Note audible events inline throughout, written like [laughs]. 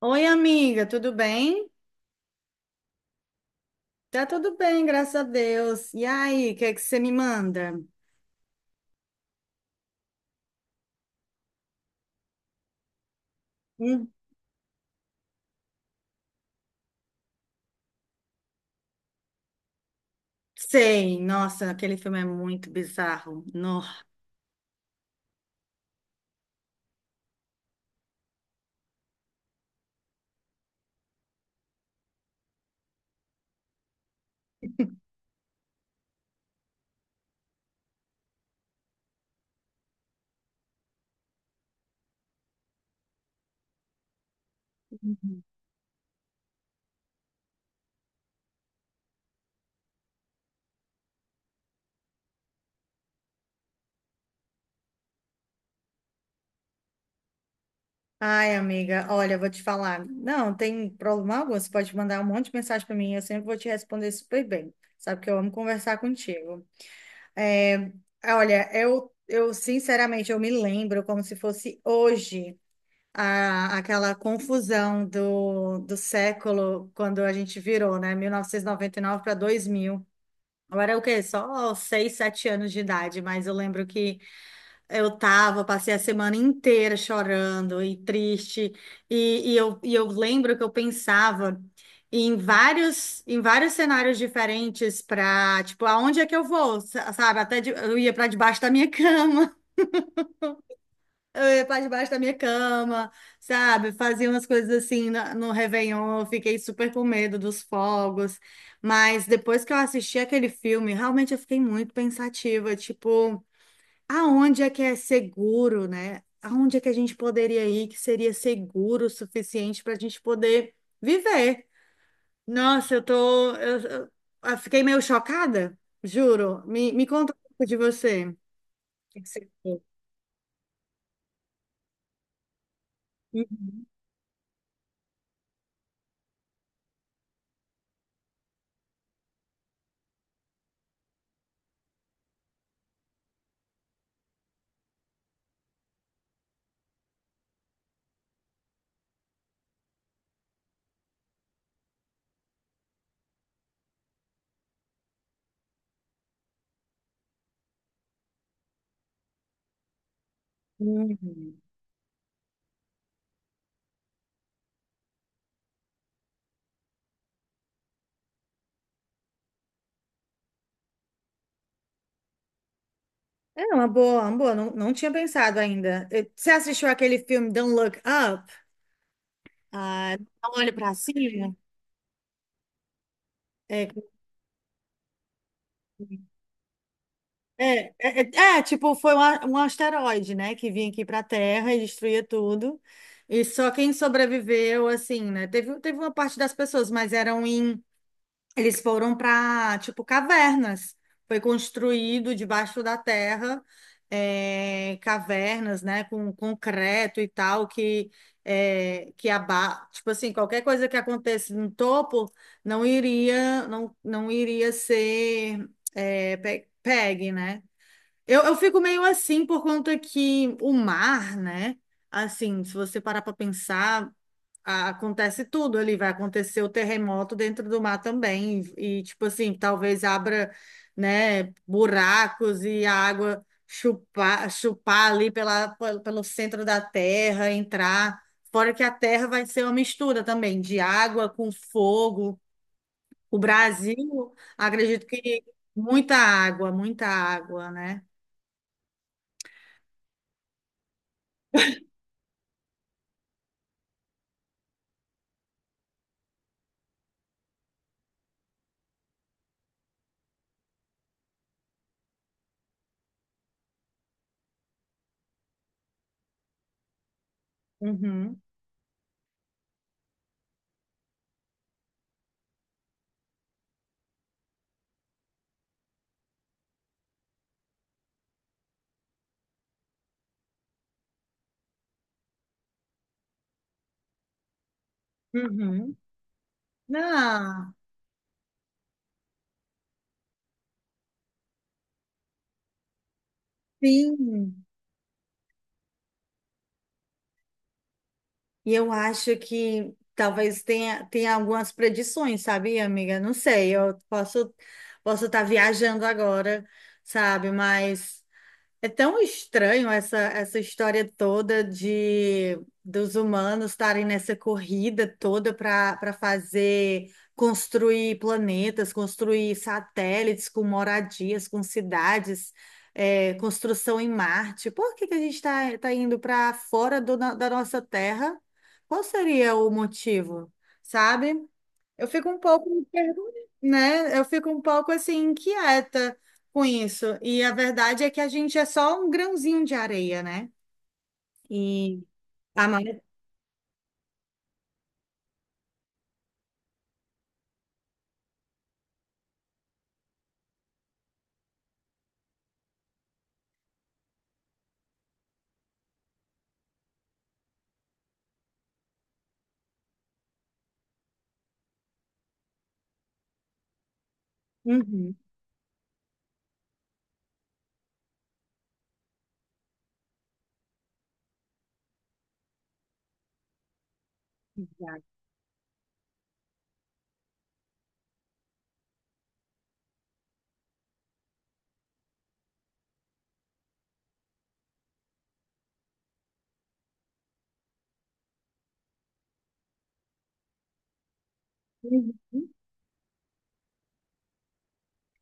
Oi, amiga, tudo bem? Tá tudo bem, graças a Deus. E aí, o que é que você me manda? Hum, sei, nossa, aquele filme é muito bizarro. No. [laughs] Ai, amiga, olha, eu vou te falar. Não, tem problema algum, você pode mandar um monte de mensagem para mim, eu sempre vou te responder super bem. Sabe que eu amo conversar contigo. É, olha, eu sinceramente, eu me lembro como se fosse hoje. Aquela confusão do século, quando a gente virou, né? Mil novecentos e noventa e nove para 2000. Eu era o quê? Só seis sete anos de idade, mas eu lembro que eu tava, passei a semana inteira chorando e triste, e eu lembro que eu pensava em vários cenários diferentes para, tipo, aonde é que eu vou, sabe? Até eu ia para debaixo da minha [laughs] cama. Eu ia pra debaixo da minha cama, sabe? Fazia umas coisas assim no Réveillon. Eu fiquei super com medo dos fogos. Mas depois que eu assisti aquele filme, realmente eu fiquei muito pensativa. Tipo, aonde é que é seguro, né? Aonde é que a gente poderia ir que seria seguro o suficiente para a gente poder viver? Nossa, eu tô. Eu fiquei meio chocada, juro. Me conta um pouco de você. O que que você achou? Uhum. Uhum. É uma boa, uma boa. Não, não tinha pensado ainda. Você assistiu aquele filme Don't Look Up? Ah, não olhe para cima. É, é, é, é, é, tipo, foi um asteroide, né, que vinha aqui para a Terra e destruía tudo. E só quem sobreviveu, assim, né? Teve uma parte das pessoas, mas eram em... Eles foram para, tipo, cavernas. Foi construído debaixo da terra, cavernas, né, com concreto e tal, que, tipo assim, qualquer coisa que acontecesse no topo não iria, não iria ser, pegue, né? Eu fico meio assim por conta que o mar, né? Assim, se você parar para pensar, acontece tudo ali, vai acontecer o terremoto dentro do mar também, e, tipo assim, talvez abra, né, buracos e a água chupar, chupar ali pelo centro da terra, entrar. Fora que a terra vai ser uma mistura também de água com fogo. O Brasil, acredito que muita água, né? Uhum, uhum. Ah, sim. E eu acho que talvez tenha, tenha algumas predições, sabia, amiga? Não sei, eu posso estar viajando agora, sabe? Mas é tão estranho essa história toda de dos humanos estarem nessa corrida toda para fazer construir planetas, construir satélites com moradias, com cidades, construção em Marte. Por que que a gente está tá indo para fora da nossa Terra? Qual seria o motivo, sabe? Eu fico um pouco, né? Eu fico um pouco assim inquieta com isso. E a verdade é que a gente é só um grãozinho de areia, né? E a maioria. Uhum.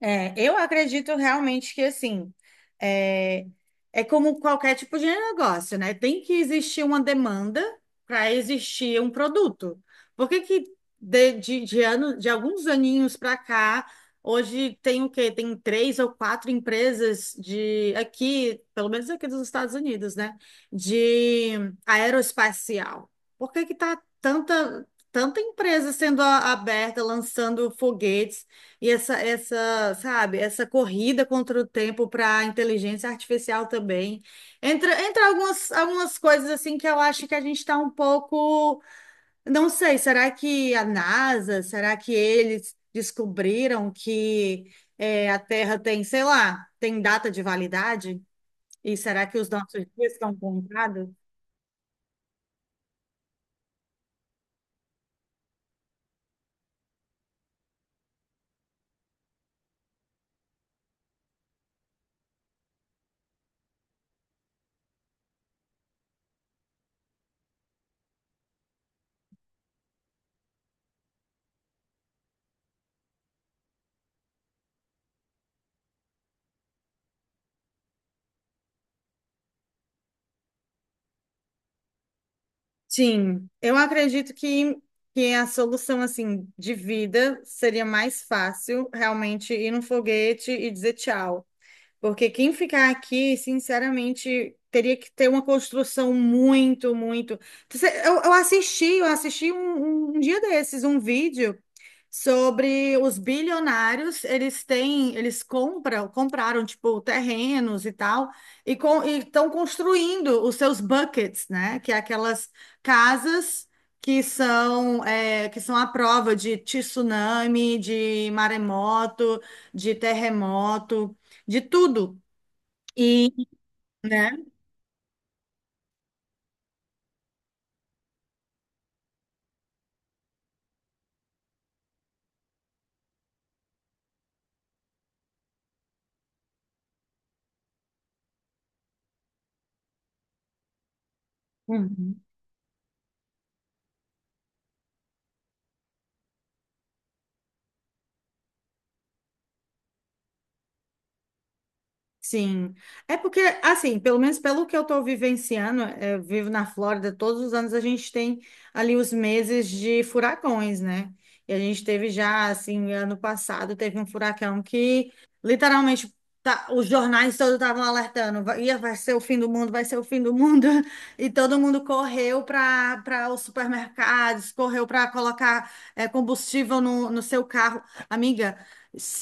É, eu acredito realmente que assim é, é como qualquer tipo de negócio, né? Tem que existir uma demanda para existir um produto. Por que que de alguns aninhos para cá, hoje tem o quê? Tem três ou quatro empresas de aqui, pelo menos aqui dos Estados Unidos, né? De aeroespacial. Por que que tá tanta empresa sendo aberta, lançando foguetes? E sabe, essa corrida contra o tempo para a inteligência artificial também. Entra algumas coisas assim que eu acho que a gente está um pouco. Não sei, será que a NASA, será que eles descobriram que a Terra tem, sei lá, tem data de validade? E será que os nossos dias estão contados? Sim, eu acredito que a solução assim de vida seria mais fácil realmente ir num foguete e dizer tchau. Porque quem ficar aqui, sinceramente, teria que ter uma construção muito, muito. Eu assisti, eu assisti um dia desses, um vídeo sobre os bilionários, eles têm, eles compram, compraram tipo terrenos e tal, e estão construindo os seus buckets, né? Que é aquelas casas que são que são à prova de tsunami, de maremoto, de terremoto, de tudo. E, né? Uhum. Sim. É porque, assim, pelo menos pelo que eu estou vivenciando, eu vivo na Flórida, todos os anos a gente tem ali os meses de furacões, né? E a gente teve já, assim, ano passado, teve um furacão que literalmente os jornais todos estavam alertando, vai, ia, vai ser o fim do mundo, vai ser o fim do mundo. [laughs] E todo mundo correu para os supermercados, correu para colocar combustível no seu carro. Amiga.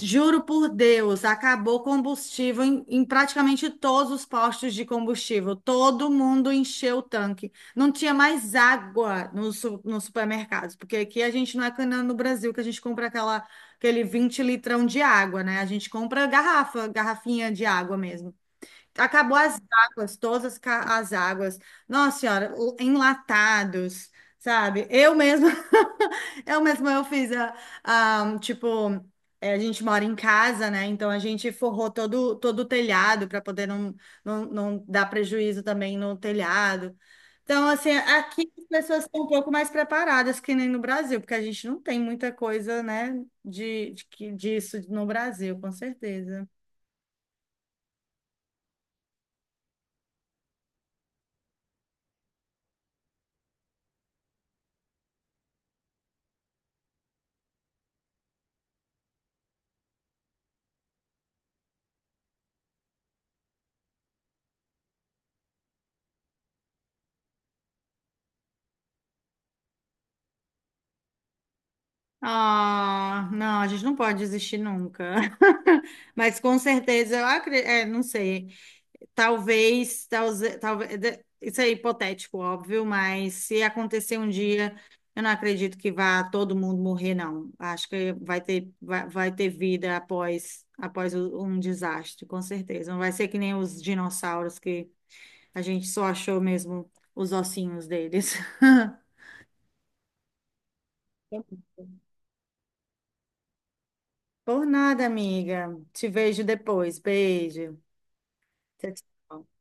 Juro por Deus, acabou combustível em praticamente todos os postos de combustível. Todo mundo encheu o tanque. Não tinha mais água nos nos supermercados, porque aqui a gente não é que nem no Brasil que a gente compra aquela, aquele 20 litrão de água, né? A gente compra garrafa, garrafinha de água mesmo. Acabou as águas, todas as águas. Nossa senhora, enlatados, sabe? Eu mesma, [laughs] eu mesma eu fiz a, tipo, é, a gente mora em casa, né? Então a gente forrou todo o telhado para poder não, não dar prejuízo também no telhado. Então, assim, aqui as pessoas estão um pouco mais preparadas que nem no Brasil, porque a gente não tem muita coisa, né, disso no Brasil, com certeza. Ah, não, a gente não pode desistir nunca. [laughs] Mas com certeza, eu acredito, não sei. Talvez, isso é hipotético, óbvio, mas se acontecer um dia, eu não acredito que vá todo mundo morrer, não. Acho que vai ter vida após um desastre, com certeza. Não vai ser que nem os dinossauros que a gente só achou mesmo os ossinhos deles. [laughs] Por nada, amiga. Te vejo depois. Beijo. Tchau, tchau.